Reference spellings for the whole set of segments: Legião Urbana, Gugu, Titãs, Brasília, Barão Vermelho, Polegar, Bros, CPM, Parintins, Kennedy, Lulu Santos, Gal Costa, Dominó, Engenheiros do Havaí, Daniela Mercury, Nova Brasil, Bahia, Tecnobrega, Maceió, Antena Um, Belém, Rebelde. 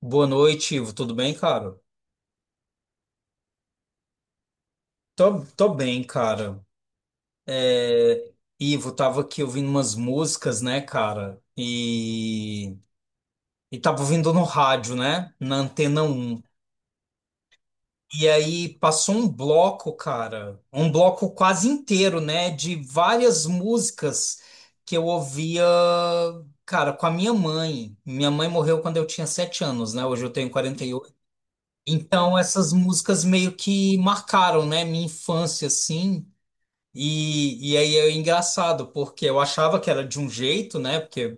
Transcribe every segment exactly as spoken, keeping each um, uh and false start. Boa noite, Ivo. Tudo bem, cara? Tô, tô bem, cara. É, Ivo, tava aqui ouvindo umas músicas, né, cara? E, e tava ouvindo no rádio, né? Na Antena Um. E aí passou um bloco, cara. Um bloco quase inteiro, né? De várias músicas que eu ouvia, cara, com a minha mãe. Minha mãe morreu quando eu tinha sete anos, né? Hoje eu tenho quarenta e oito. Então, essas músicas meio que marcaram, né, minha infância, assim. E, e aí é engraçado, porque eu achava que era de um jeito, né? Porque,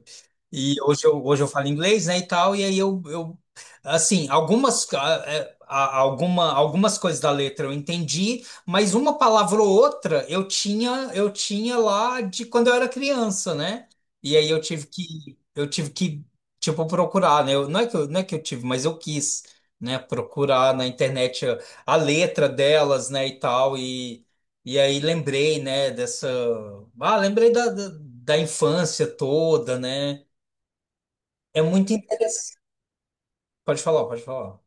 e hoje eu, hoje eu falo inglês, né, e tal, e aí eu, eu assim, algumas, ah, é, a- alguma, algumas coisas da letra eu entendi, mas uma palavra ou outra eu tinha, eu tinha lá de quando eu era criança, né? E aí eu tive que, eu tive que, tipo, procurar, né? Eu, não é que eu, não é que eu tive, mas eu quis, né? Procurar na internet a, a letra delas, né, e tal, e aí lembrei, né, dessa. Ah, lembrei da, da, da infância toda, né? É muito interessante. Pode falar, pode falar.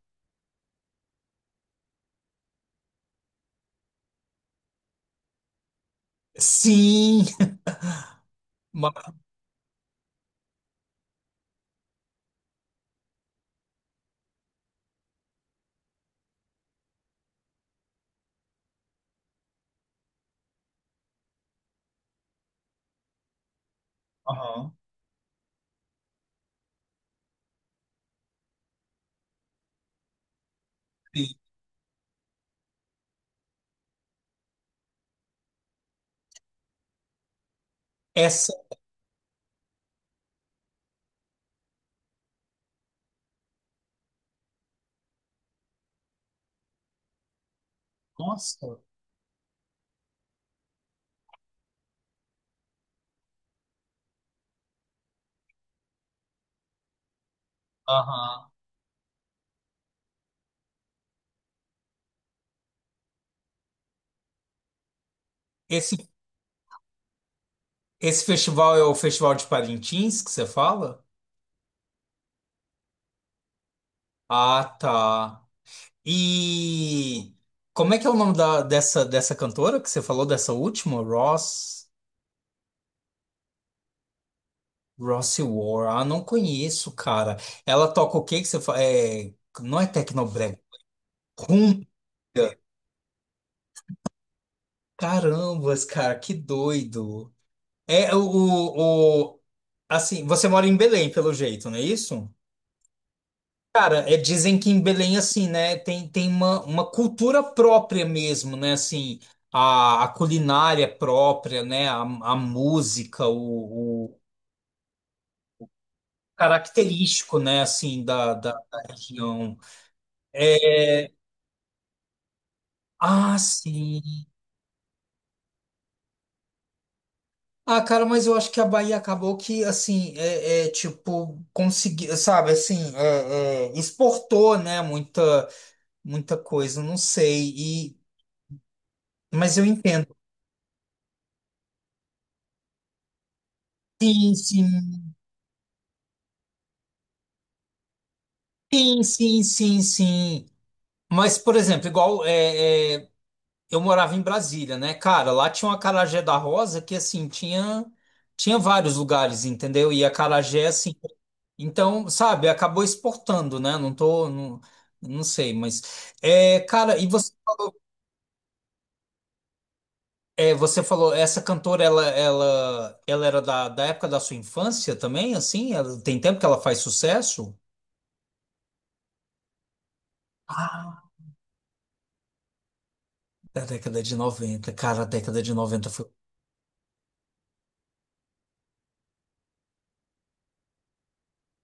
Sim! Ma- Aham. Sim. Essa. Nossa! Aham. Esse, esse festival é o Festival de Parintins que você fala? Ah, tá. E como é que é o nome da, dessa, dessa cantora que você falou, dessa última? Ross? Rossi War, ah, não conheço, cara. Ela toca o que que você fala? É, não é Tecnobrega, cumbia. Carambas, cara, que doido. É o, o, o- assim, você mora em Belém, pelo jeito, não é isso? Cara, é, dizem que em Belém, assim, né, tem, tem uma, uma cultura própria mesmo, né, assim, a, a culinária própria, né, a, a música, o, o característico, né, assim, da, da da região. É, Ah, sim. Ah, cara, mas eu acho que a Bahia acabou que, assim, é, é, tipo, conseguiu, sabe, assim, é, é, exportou, né, muita, muita coisa, não sei, e, mas eu entendo. Sim, sim, sim, sim, sim, sim. Mas, por exemplo, igual, é. é, eu morava em Brasília, né? Cara, lá tinha uma acarajé da Rosa que, assim, tinha, tinha vários lugares, entendeu? E acarajé, assim. Então, sabe, acabou exportando, né? Não tô. Não, não sei, mas. É, cara, e você falou, é, você falou, essa cantora, ela, ela, ela era da, da época da sua infância também, assim? Ela- tem tempo que ela faz sucesso? Ah, da década de noventa. Cara, a década de noventa foi.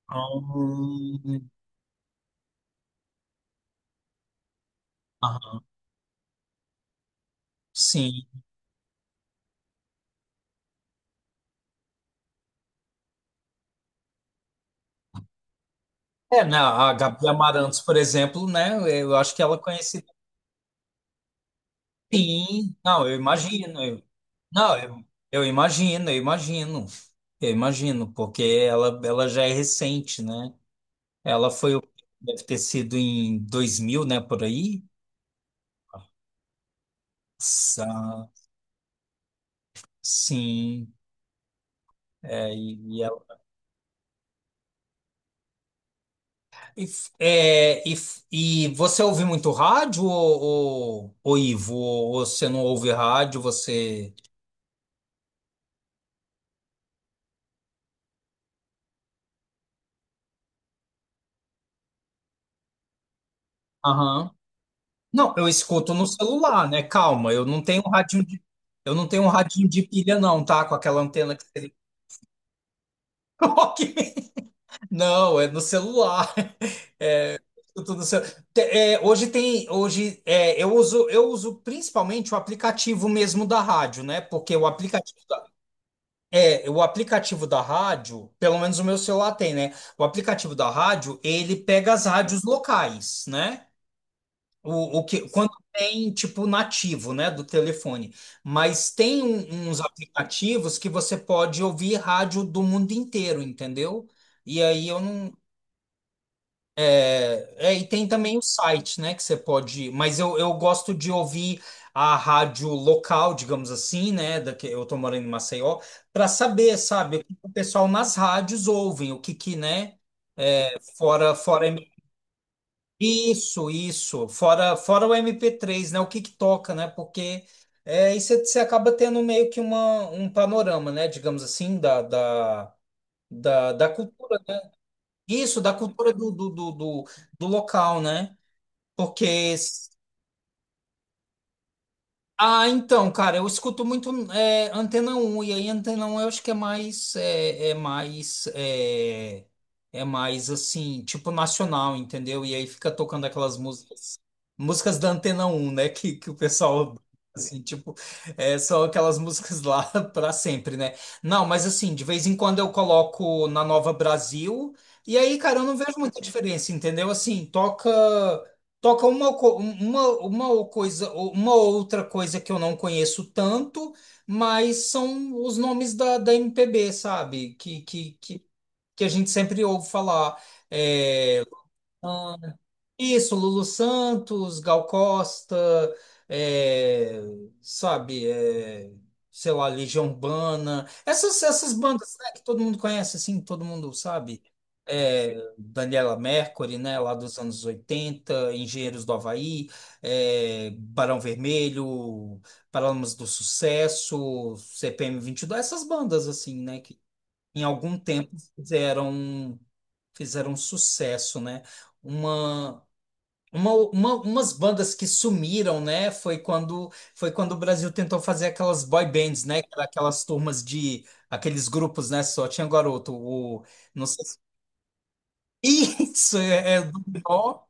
Ah, aham. Sim. É, né, a Gabi Amarantos, por exemplo, né? Eu acho que ela é conhecida. Sim, não, eu imagino. Eu- não, eu, eu imagino, eu imagino. Eu imagino, porque ela, ela já é recente, né? Ela foi, o- deve ter sido em dois mil, né, por aí? Sa- Sim. É, e, e, ela- e f- é, e f- e você ouve muito rádio, ou, ou, ou Ivo? Ou você não ouve rádio, você. Não, eu escuto no celular, né? Calma, eu não tenho um radinho de, eu não tenho um radinho de pilha, não, tá? Com aquela antena que seria. Ok. Não, é no celular. É, eu escuto no celu- Te- é, hoje tem, hoje é, eu uso, eu uso principalmente o aplicativo mesmo da rádio, né? Porque o aplicativo da- é, o aplicativo da rádio, pelo menos o meu celular tem, né? O aplicativo da rádio, ele pega as rádios locais, né? O, o que, quando tem, tipo, nativo, né, do telefone. Mas tem um- uns aplicativos que você pode ouvir rádio do mundo inteiro, entendeu? E aí eu não. É, e tem também o site, né, que você pode. Mas eu, eu gosto de ouvir a rádio local, digamos assim, né, da que eu tô morando em Maceió, para saber, sabe, o que o pessoal nas rádios ouvem, o que que, né, fora, fora isso, isso. Fora, fora o M P três né? O que que toca, né? Porque é, aí você você acaba tendo meio que uma, um panorama, né? Digamos assim, da, da, da, da cultura. Né? Isso, da cultura do, do, do, do, do local, né? Porque ah, então, cara, eu escuto muito é, Antena Um e aí Antena Um eu acho que é mais, é, é mais, é, é mais assim, tipo nacional, entendeu? E aí fica tocando aquelas músicas, músicas da Antena Um, né? Que, que o pessoal, assim, tipo, é, são aquelas músicas lá pra sempre, né? Não, mas assim, de vez em quando eu coloco na Nova Brasil, e aí, cara, eu não vejo muita diferença, entendeu? Assim, toca. Toca uma, co- uma, uma ou coisa, uma outra coisa que eu não conheço tanto, mas são os nomes da, da M P B, sabe? Que, que, que, que a gente sempre ouve falar. É, isso, Lulu Santos, Gal Costa, é, sabe, é, sei lá, Legião Urbana, essas, essas bandas, né, que todo mundo conhece, assim, todo mundo sabe. É, Daniela Mercury, né, lá dos anos oitenta Engenheiros do Havaí, é, Barão Vermelho, Paralamas do Sucesso, C P M dois essas bandas, assim, né, que em algum tempo fizeram, fizeram sucesso, né? Uma. Uma, uma- umas bandas que sumiram, né? Foi quando foi quando o Brasil tentou fazer aquelas boy bands, né? Que era aquelas turmas de aqueles grupos, né? Só tinha garoto, o não sei se... Isso é, é o Dominó.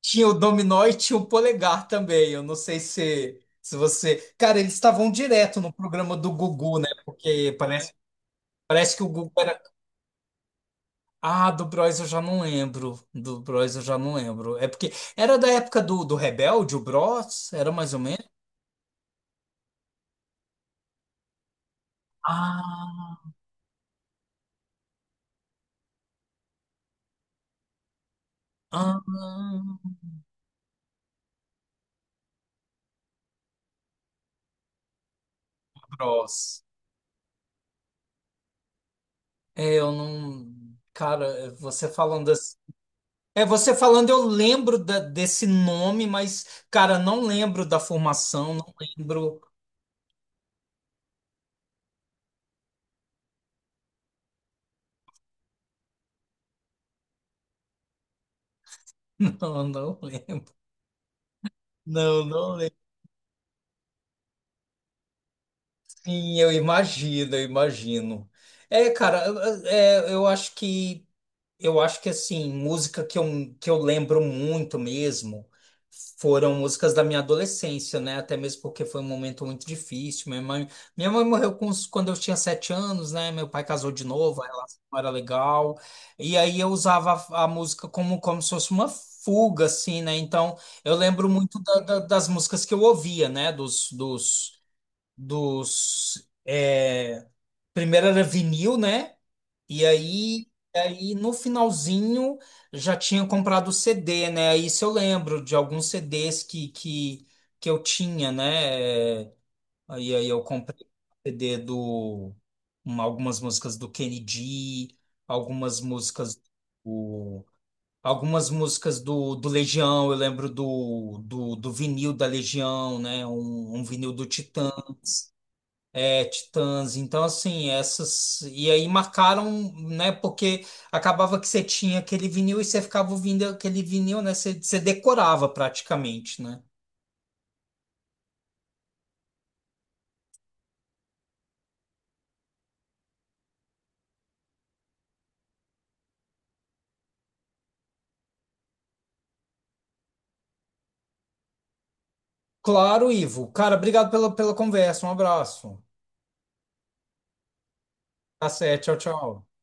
Tinha o Dominó e tinha o Polegar também. Eu não sei se se você, cara, eles estavam direto no programa do Gugu, né? Porque parece parece que o Gugu era ah, do Bros eu já não lembro. Do Bros eu já não lembro. É porque era da época do, do Rebelde, o Bros, era mais ou menos ah, ah, Bros. É, eu não. Cara, é, você falando assim. É, você falando, eu lembro da- desse nome, mas, cara, não lembro da formação, não lembro. Não, não lembro. Não, não lembro. Sim, eu imagino, eu imagino. É, cara, eu- é, eu acho que. Eu acho que assim, música que eu, que eu lembro muito mesmo foram músicas da minha adolescência, né? Até mesmo porque foi um momento muito difícil. Minha mãe, minha mãe morreu com uns- quando eu tinha sete anos, né? Meu pai casou de novo, a relação não era legal. E aí eu usava a, a música como, como se fosse uma fuga, assim, né? Então eu lembro muito da- da- das músicas que eu ouvia, né? Dos, dos, dos, é, primeiro era vinil, né? E aí, aí no finalzinho já tinha comprado o C D, né? Aí isso eu lembro de alguns C Ds que, que, que eu tinha, né? É, Aí, aí eu comprei o C D do uma- algumas músicas do Kennedy, algumas músicas do, algumas músicas do, do Legião, eu lembro do, do, do vinil da Legião, né? Um, um vinil do Titã. É, Titãs. Então, assim, essas. E aí marcaram, né? Porque acabava que você tinha aquele vinil e você ficava ouvindo aquele vinil, né? Você, você decorava praticamente, né? Claro, Ivo. Cara, obrigado pela, pela conversa. Um abraço. Tá certo. Tchau, tchau.